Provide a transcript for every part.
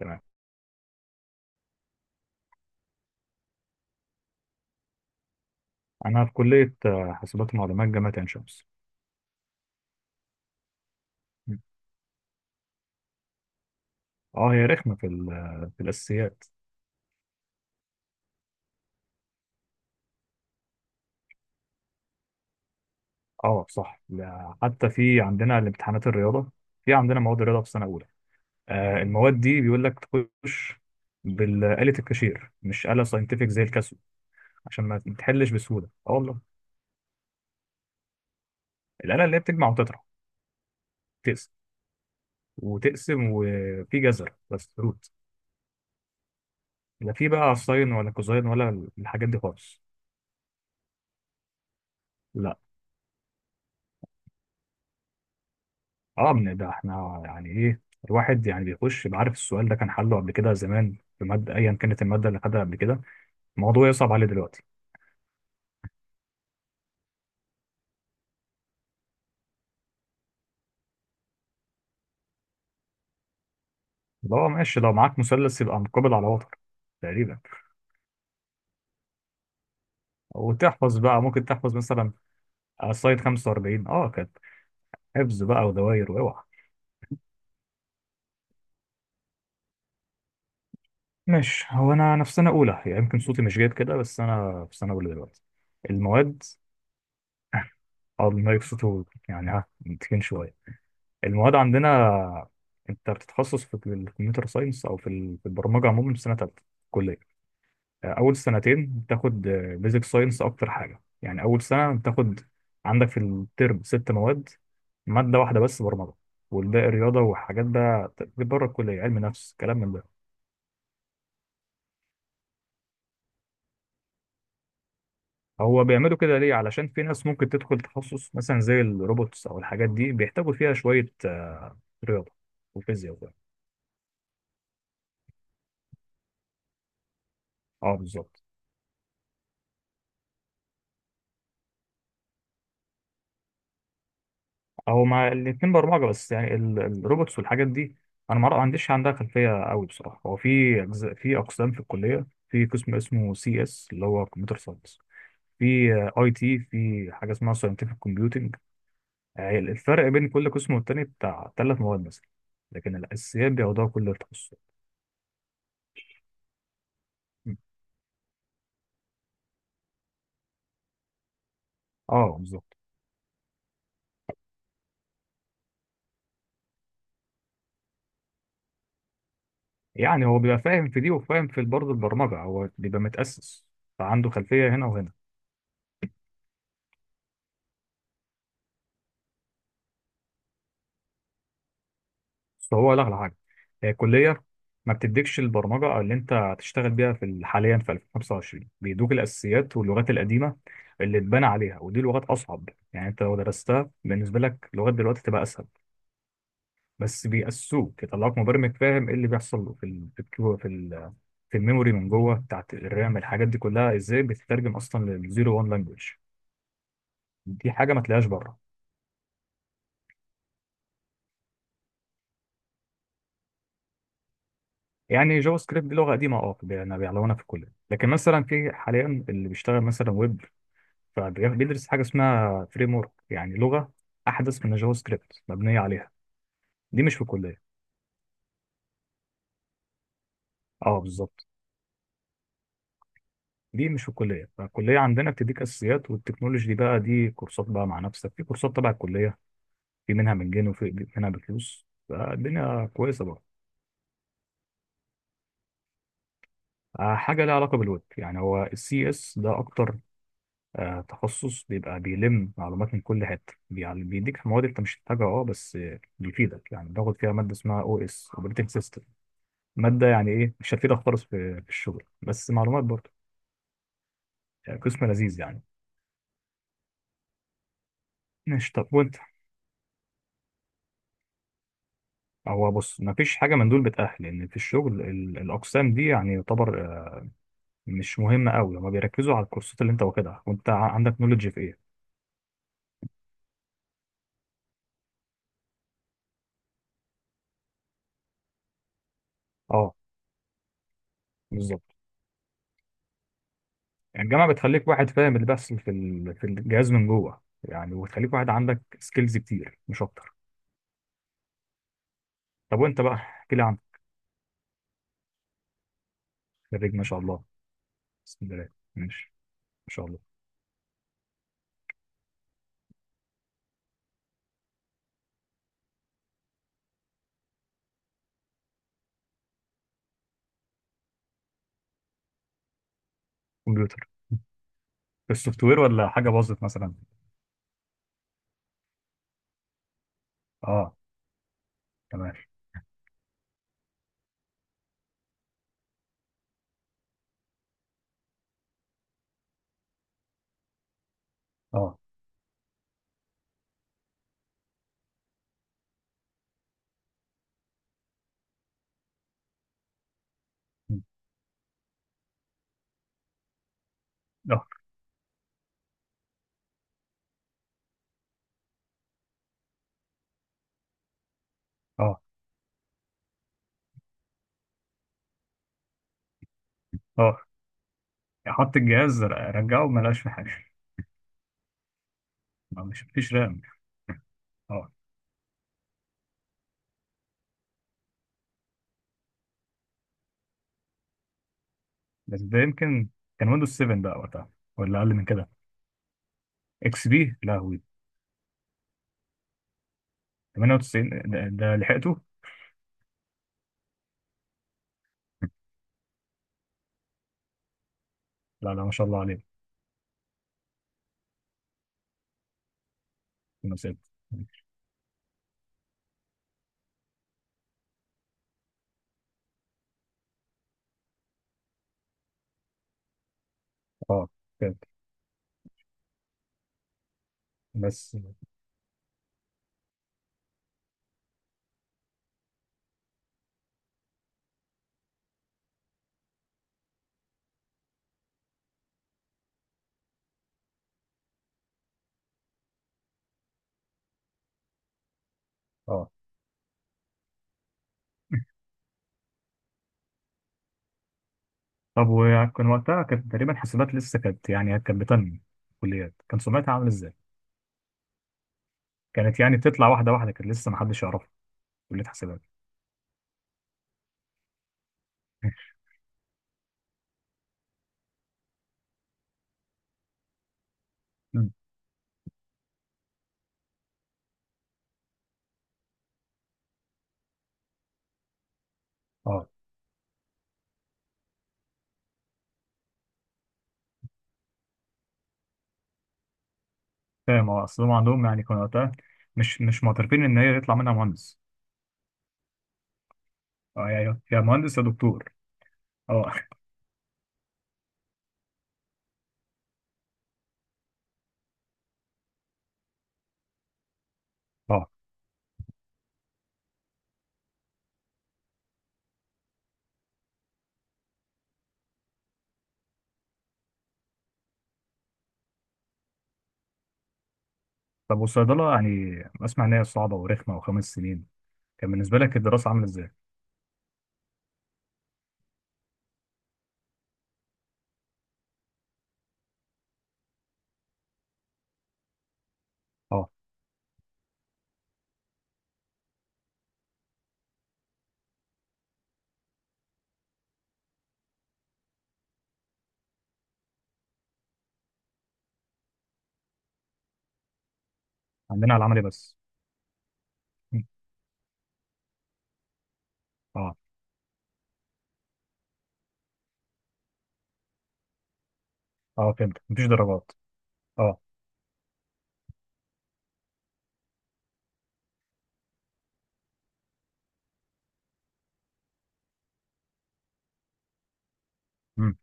تمام. انا في كليه حاسبات ومعلومات جامعه عين شمس. اه، هي رخمه في في الاساسيات. اه، صح. لا، حتى في عندنا الامتحانات الرياضه. في عندنا مواد رياضه في سنه اولى. المواد دي بيقول لك تخش بالآلة الكاشير مش آلة ساينتفك زي الكاسيو عشان ما تحلش بسهوله. اه، والله. الآلة اللي هي بتجمع وتطرح، تقسم وتقسم، وفي جزر بس روت. لا، في بقى ساين ولا كوزاين ولا الحاجات دي خالص. لا. اه من ده احنا يعني ايه، الواحد يعني بيخش بعرف السؤال ده كان حله قبل كده زمان في ماده ايا كانت الماده اللي خدها قبل كده. الموضوع يصعب عليه دلوقتي. لو معاك مثلث يبقى مقابل على وتر تقريبا. وتحفظ بقى، ممكن تحفظ مثلا على السايد 45. اه، كانت حفظ بقى ودواير واوعى. ماشي. هو انا في سنه اولى، يعني يمكن صوتي مش جايب كده، بس انا في سنه اولى دلوقتي. المواد. اه، المايك صوته يعني ها متكين شويه. المواد عندنا، انت بتتخصص في الكمبيوتر ساينس او في في البرمجه عموما في سنه ثالثه كليه. اول سنتين بتاخد بيزك ساينس اكتر حاجه. يعني اول سنه بتاخد عندك في الترم ست مواد، ماده واحده بس برمجه، والباقي رياضه وحاجات بقى بره الكليه، علم نفس كلام من ده. هو بيعملوا كده ليه؟ علشان في ناس ممكن تدخل تخصص مثلا زي الروبوتس او الحاجات دي، بيحتاجوا فيها شويه رياضه وفيزياء وكده. اه، بالظبط. هو مع الاتنين برمجة، بس يعني الروبوتس والحاجات دي، أنا ما عنديش عندها خلفية قوي بصراحة. هو في أجزاء، في أقسام في الكلية. في قسم اسمه سي اس، اللي هو كمبيوتر ساينس. في اي تي. في حاجة اسمها ساينتفك كومبيوتنج. الفرق بين كل قسم والتاني بتاع ثلاث مواد مثلا، لكن الأساسيات بياخدوها كل التخصصات. م. اه، بالظبط. يعني هو بيبقى فاهم في دي وفاهم في برضه البرمجة، هو بيبقى متأسس فعنده خلفية هنا وهنا. بس هو لا على حاجه. هي الكليه ما بتديكش البرمجه او اللي انت هتشتغل بيها في حاليا في 2025. بيدوك الاساسيات واللغات القديمه اللي اتبنى عليها، ودي لغات اصعب، يعني انت لو درستها، بالنسبه لك لغات دلوقتي تبقى اسهل. بس بيأسوك، يطلعوك مبرمج فاهم ايه اللي بيحصل له في في في الميموري من جوه بتاعت الرام، الحاجات دي كلها ازاي بتترجم اصلا للزيرو وان لانجوج. دي حاجه ما تلاقيهاش بره. يعني جافا سكريبت دي لغه قديمه، اه، بيعلمونا في الكليه، لكن مثلا في حاليا اللي بيشتغل مثلا ويب فبيدرس حاجه اسمها فريم ورك، يعني لغه احدث من الجافا سكريبت مبنيه عليها. دي مش في الكليه. اه، بالظبط. دي مش في الكليه. فالكليه عندنا بتديك اساسيات، والتكنولوجي دي بقى دي كورسات بقى مع نفسك، في كورسات تبع الكليه، في منها مجاني وفي منها بفلوس، فالدنيا كويسه بقى. حاجه لها علاقه بالويب. يعني هو السي اس ده اكتر تخصص، بيبقى بيلم معلومات من كل حته، يعني بيديك مواد انت مش محتاجها، اه، بس بيفيدك. يعني باخد فيها ماده اسمها او اس، اوبريتنج سيستم. مادة يعني إيه؟ مش هتفيدك خالص في الشغل، بس معلومات برضه. يعني قسم لذيذ يعني. ماشي، طب وأنت؟ هو بص، مفيش حاجة من دول بتأهل، لأن في الشغل الأقسام دي يعني يعتبر مش مهمة أوي. هما بيركزوا على الكورسات اللي أنت واخدها، وأنت عندك نولج في إيه. أه، بالظبط. يعني الجامعة بتخليك واحد فاهم اللي بيحصل في في الجهاز من جوه يعني، وتخليك واحد عندك سكيلز كتير مش أكتر. طب وأنت بقى، احكي لي عنك. خريج، ما شاء الله. بسم الله. ماشي. ما شاء الله. كمبيوتر. السوفت وير ولا حاجة باظت مثلا؟ أه. تمام. اه. اه. اه. اه. حط الجهاز رجعه ما لقاش في حاجه. ما مش مفيش رام. اه، بس ده يمكن كان ويندوز 7 بقى وقتها، ولا اقل من كده؟ اكس بي؟ لا، هو 98 ده لحقته. لا، لا، ما شاء الله عليه. 2006. اه، كده بس. اه، طب وكان وقتها كانت تقريبا حسابات لسه كانت، يعني كانت بتنمي كليات، كان سمعتها عامله ازاي؟ كانت يعني بتطلع واحده واحده، كانت لسه ما حدش يعرفها. كليه حسابات. مم. اه، فاهم. اه، اصل هم عندهم يعني كانوا وقتها مش معترفين ان هي يطلع منها مهندس. اه، يا مهندس يا دكتور. اه. اه، طب والصيدله يعني، اسمع ان هي صعبه ورخمه وخمس سنين. كان بالنسبه لك الدراسه عامله ازاي؟ اه، عندنا على العملي بس. م. اه، اه، فهمت. مفيش درجات. اه. امم.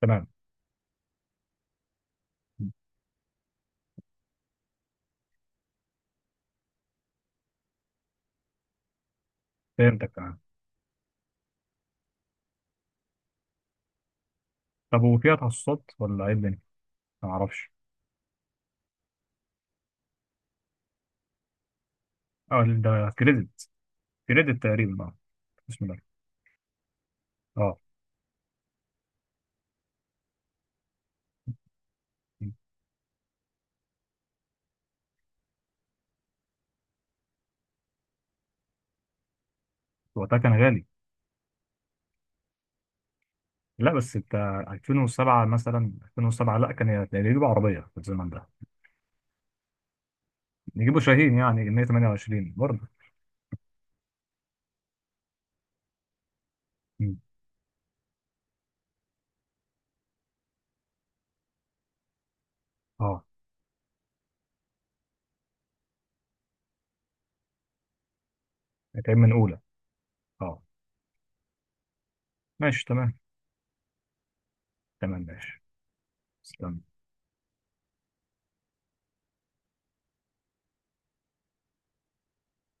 تمام. فهمتك، تمام. طب وفيها تخصصات ولا ايه الدنيا؟ ما اعرفش. اه، ده كريدت؟ كريدت تقريبا، اه. بسم الله. اه، وقتها كان غالي. لا، بس انت 2007 مثلا. 2007، لا، كان يجيبوا عربيه في الزمن ده. يجيبوا شاهين، يعني 128 برضه. مم. اه، هيتعمل من اولى. اه، ماشي، تمام. تمام، ماشي. استنى.